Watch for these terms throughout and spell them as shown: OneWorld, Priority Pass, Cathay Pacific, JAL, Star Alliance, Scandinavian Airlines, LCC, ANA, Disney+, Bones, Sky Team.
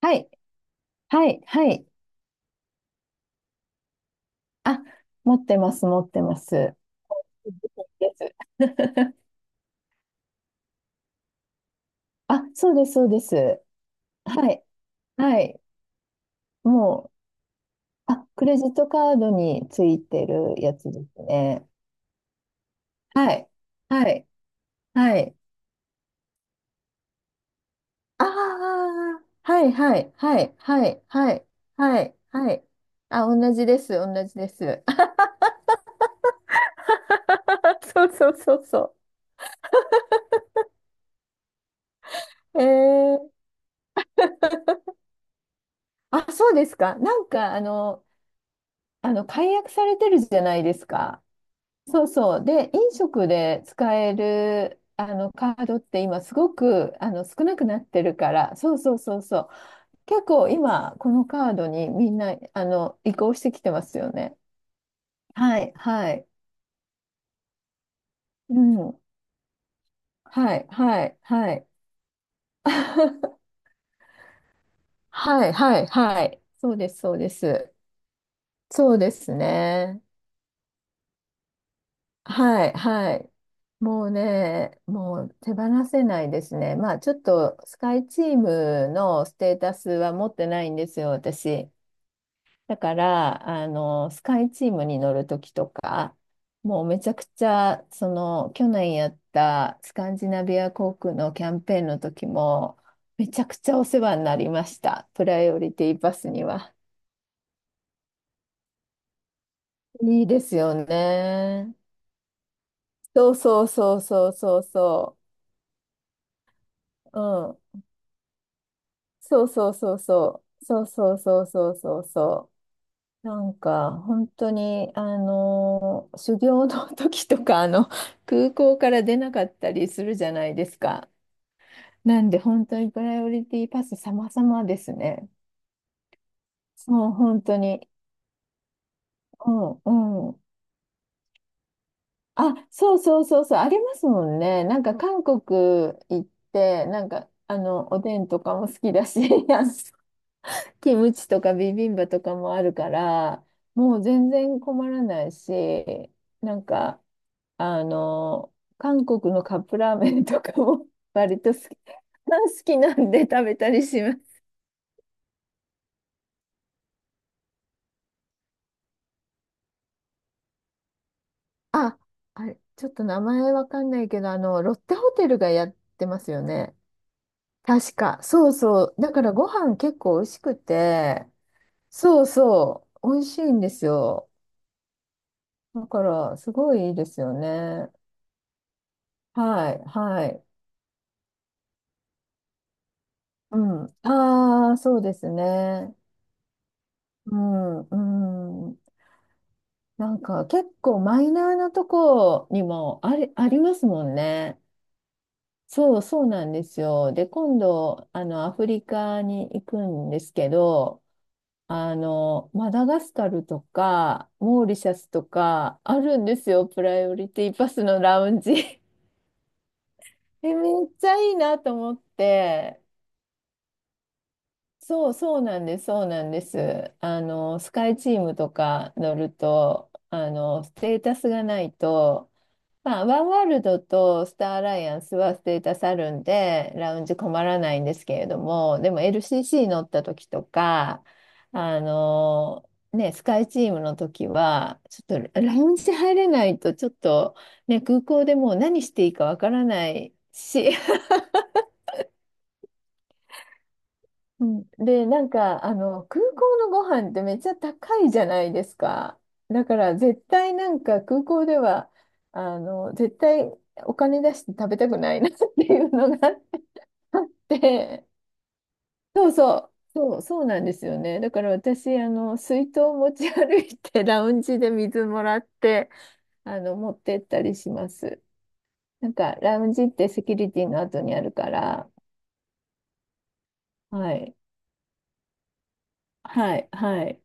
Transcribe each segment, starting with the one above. はい、はい、はい。あ、持ってます、持ってます。です。あ、そうです、そうです。はい、はい。もう、あ、クレジットカードについてるやつですね。はい、はい、はい。ああ、はい、はい、はい、はい、はい、はい、はい。あ、同じです、同じです。そうそうそうそう。あ、そうですか。なんか、あの、解約されてるじゃないですか。そうそう。で、飲食で使えるあのカードって今すごく少なくなってるから、そうそうそうそう。結構今、このカードにみんな移行してきてますよね。はい、はい。うん。はい、はい、はい。はい、はい、はい。そうです、そうです。そうですね。はい、はい。もうね、もう手放せないですね。まあちょっとスカイチームのステータスは持ってないんですよ、私。だから、あの、スカイチームに乗るときとか、もうめちゃくちゃ、その、去年やったスカンジナビア航空のキャンペーンの時も、めちゃくちゃお世話になりました。プライオリティバスには。いいですよね。そうそうそうそうそうそう。うん。そうそうそうそう。そうそうそうそうそうそう。なんか、本当に、修行の 時とか、あの、空港から出なかったりするじゃないですか。なんで、本当にプライオリティパス様々ですね。もう本当に。うん、うん。あ、そうそうそうそう、ありますもんね。なんか、韓国行って、なんか、あの、おでんとかも好きだし、あのキムチとかビビンバとかもあるから、もう全然困らないし、なんか、あの、韓国のカップラーメンとかも 割と好き、好きなんで食べたりします。あ、あれ、ちょっと名前わかんないけど、あの、ロッテホテルがやってますよね。確か。そうそう。だからご飯結構美味しくて、そうそう。美味しいんですよ。だから、すごいいいですよね。はい、はい。うん。ああ、そうですね。うん、うん。なんか結構マイナーなとこにもあり、ありますもんね。そう、そうなんですよ。で、今度、あの、アフリカに行くんですけど、あの、マダガスカルとか、モーリシャスとか、あるんですよ、プライオリティパスのラウンジ。え、めっちゃいいなと思って、そう、そうなんです、そうなんです。あの、スカイチームとか乗ると、あの、ステータスがないと、まあ、ワンワールドとスターアライアンスはステータスあるんで、ラウンジ困らないんですけれども、でも LCC 乗った時とか、あの、ね、スカイチームの時は、ちょっとラウンジ入れないと、ちょっと、ね、空港でもう何していいかわからないし、うん、で、なんか、あの、空港のご飯ってめっちゃ高いじゃないですか。だから、絶対なんか空港では、あの、絶対お金出して食べたくないなっていうのがあって、そうそう、そう、そうなんですよね。だから私、あの、水筒を持ち歩いて、ラウンジで水もらって、あの、持ってったりします。なんか、ラウンジってセキュリティの後にあるから、はい、はい、はい。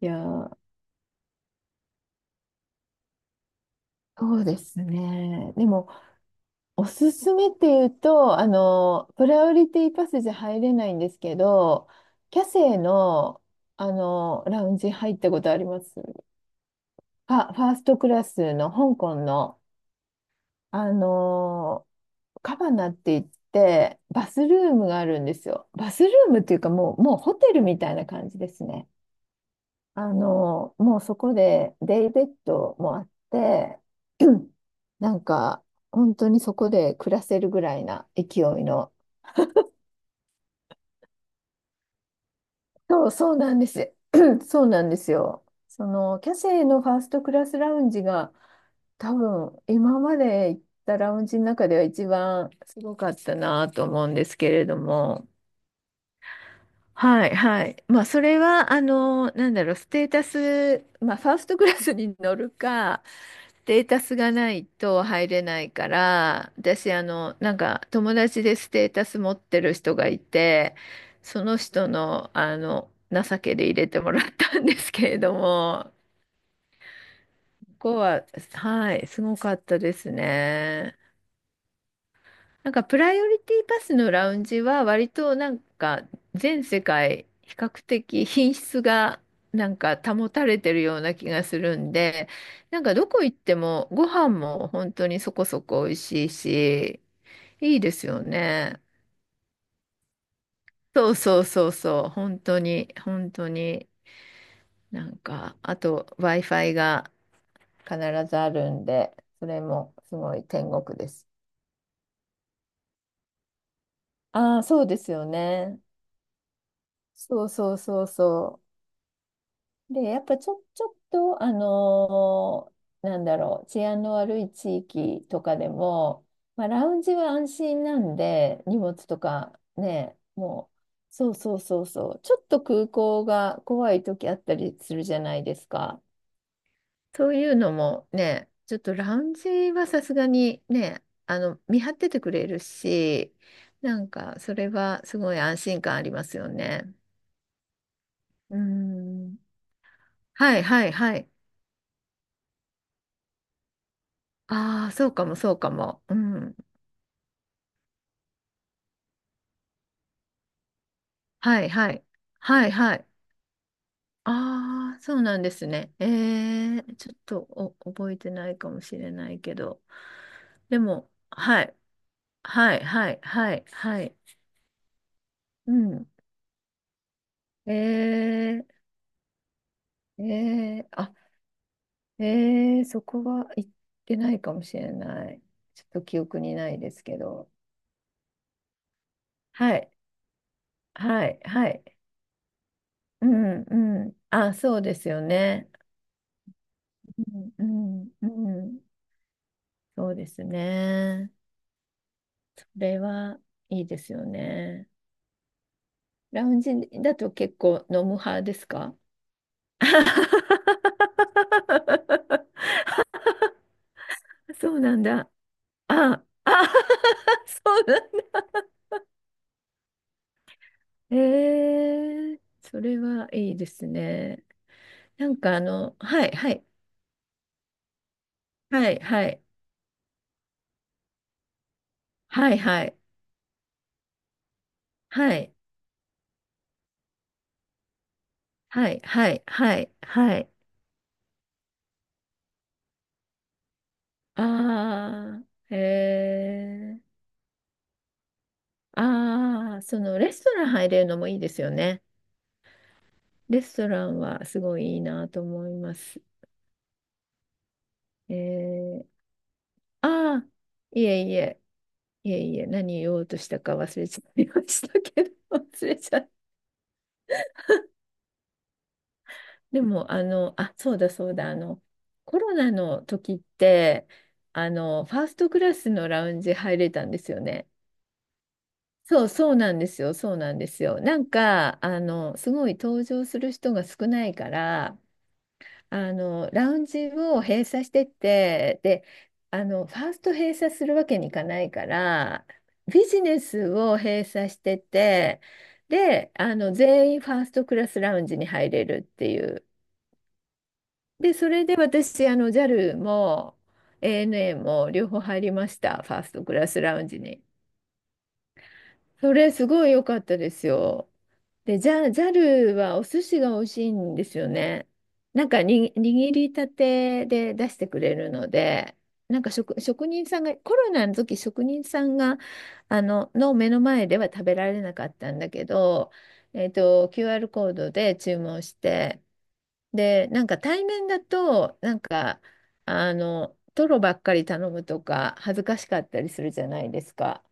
いやーそうですね。でも、おすすめっていうと、あの、プライオリティパスじゃ入れないんですけど、キャセイの、あの、ラウンジ入ったことありますあ、ファーストクラスの香港の、あの、カバナって言って、バスルームがあるんですよ。バスルームっていうか、もう、もうホテルみたいな感じですね。あの、もうそこでデイベッドもあって、なんか、本当にそこで暮らせるぐらいな勢いの。そう、そうなんです。そうなんですよ。その、キャセイのファーストクラスラウンジが、多分、今まで行ったラウンジの中では一番すごかったなと思うんですけれども。はい、はい。まあ、それは、あの、なんだろう、ステータス、まあ、ファーストクラスに乗るか、データスがないと入れないから、私、あの、なんか友達でステータス持ってる人がいて、その人の、あの、情けで入れてもらったんですけれども、ここは、はい、すごかったですね。なんかプライオリティパスのラウンジは割となんか全世界比較的品質がなんか保たれてるような気がするんで、なんかどこ行ってもご飯も本当にそこそこ美味しいし、いいですよね。そうそうそうそう、本当に、本当に、なんか、あと Wi-Fi が必ずあるんで、それもすごい天国です。ああ、そうですよね。そうそうそうそう。で、やっぱちょ、ちょっと、なんだろう、治安の悪い地域とかでも、まあ、ラウンジは安心なんで、荷物とかね、もう、そうそうそうそう、ちょっと空港が怖い時あったりするじゃないですか。そういうのもね、ちょっとラウンジはさすがにね、あの、見張っててくれるし、なんか、それはすごい安心感ありますよね。うん。はいはいはい。ああ、そうかも、そうかも。うん。はい、はい。はい、はい。ああ、そうなんですね。ええ、ちょっとお覚えてないかもしれないけど。でも、はい、はい、はい、はい、はい。うん。ええ、ええ、あ、ええ、そこは行ってないかもしれない。ちょっと記憶にないですけど。はい、はい、はい。うん、うん。あ、そうですよね。うん、うん、うん。そうですね。それはいいですよね。ラウンジだと結構飲む派ですか？ そうなんだ。あ、あ、そうなんだ。えー、それはいいですね。なんかあの、はい、はい、はい、はい、はい、はい、はい、はい、はい、はい、はい。ああ、えー、ああ、そのレストラン入れるのもいいですよね。レストランはすごいいいなと思います。えー、ああ、いえいえ、いえいえ、何言おうとしたか忘れちゃいましたけど、忘れちゃった。でも、あの、あ、そうだそうだ、あの、コロナの時って、あの、ファーストクラスのラウンジ入れたんですよね。そう、そうなんですよ、そうなんですよ。なんか、あの、すごい登場する人が少ないから、あの、ラウンジを閉鎖してって、で、あの、ファースト閉鎖するわけにいかないから、ビジネスを閉鎖してって、で、あの、全員ファーストクラスラウンジに入れるっていう。で、それで私、あの、JAL も ANA も両方入りました、ファーストクラスラウンジに。それ、すごい良かったですよ。で、ジャ、ザルはお寿司が美味しいんですよね。なんかに、握りたてで出してくれるので、なんか職、職人さんが、コロナの時職人さんが、あの、の目の前では食べられなかったんだけど、えっと、QR コードで注文して、で、なんか対面だと、なんか、あの、トロばっかり頼むとか、恥ずかしかったりするじゃないですか。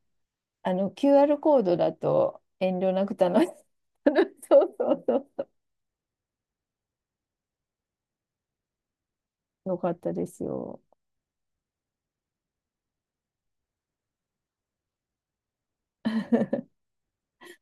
あの、QR コードだと遠慮なく頼む。そうそうそう。よかったですよ。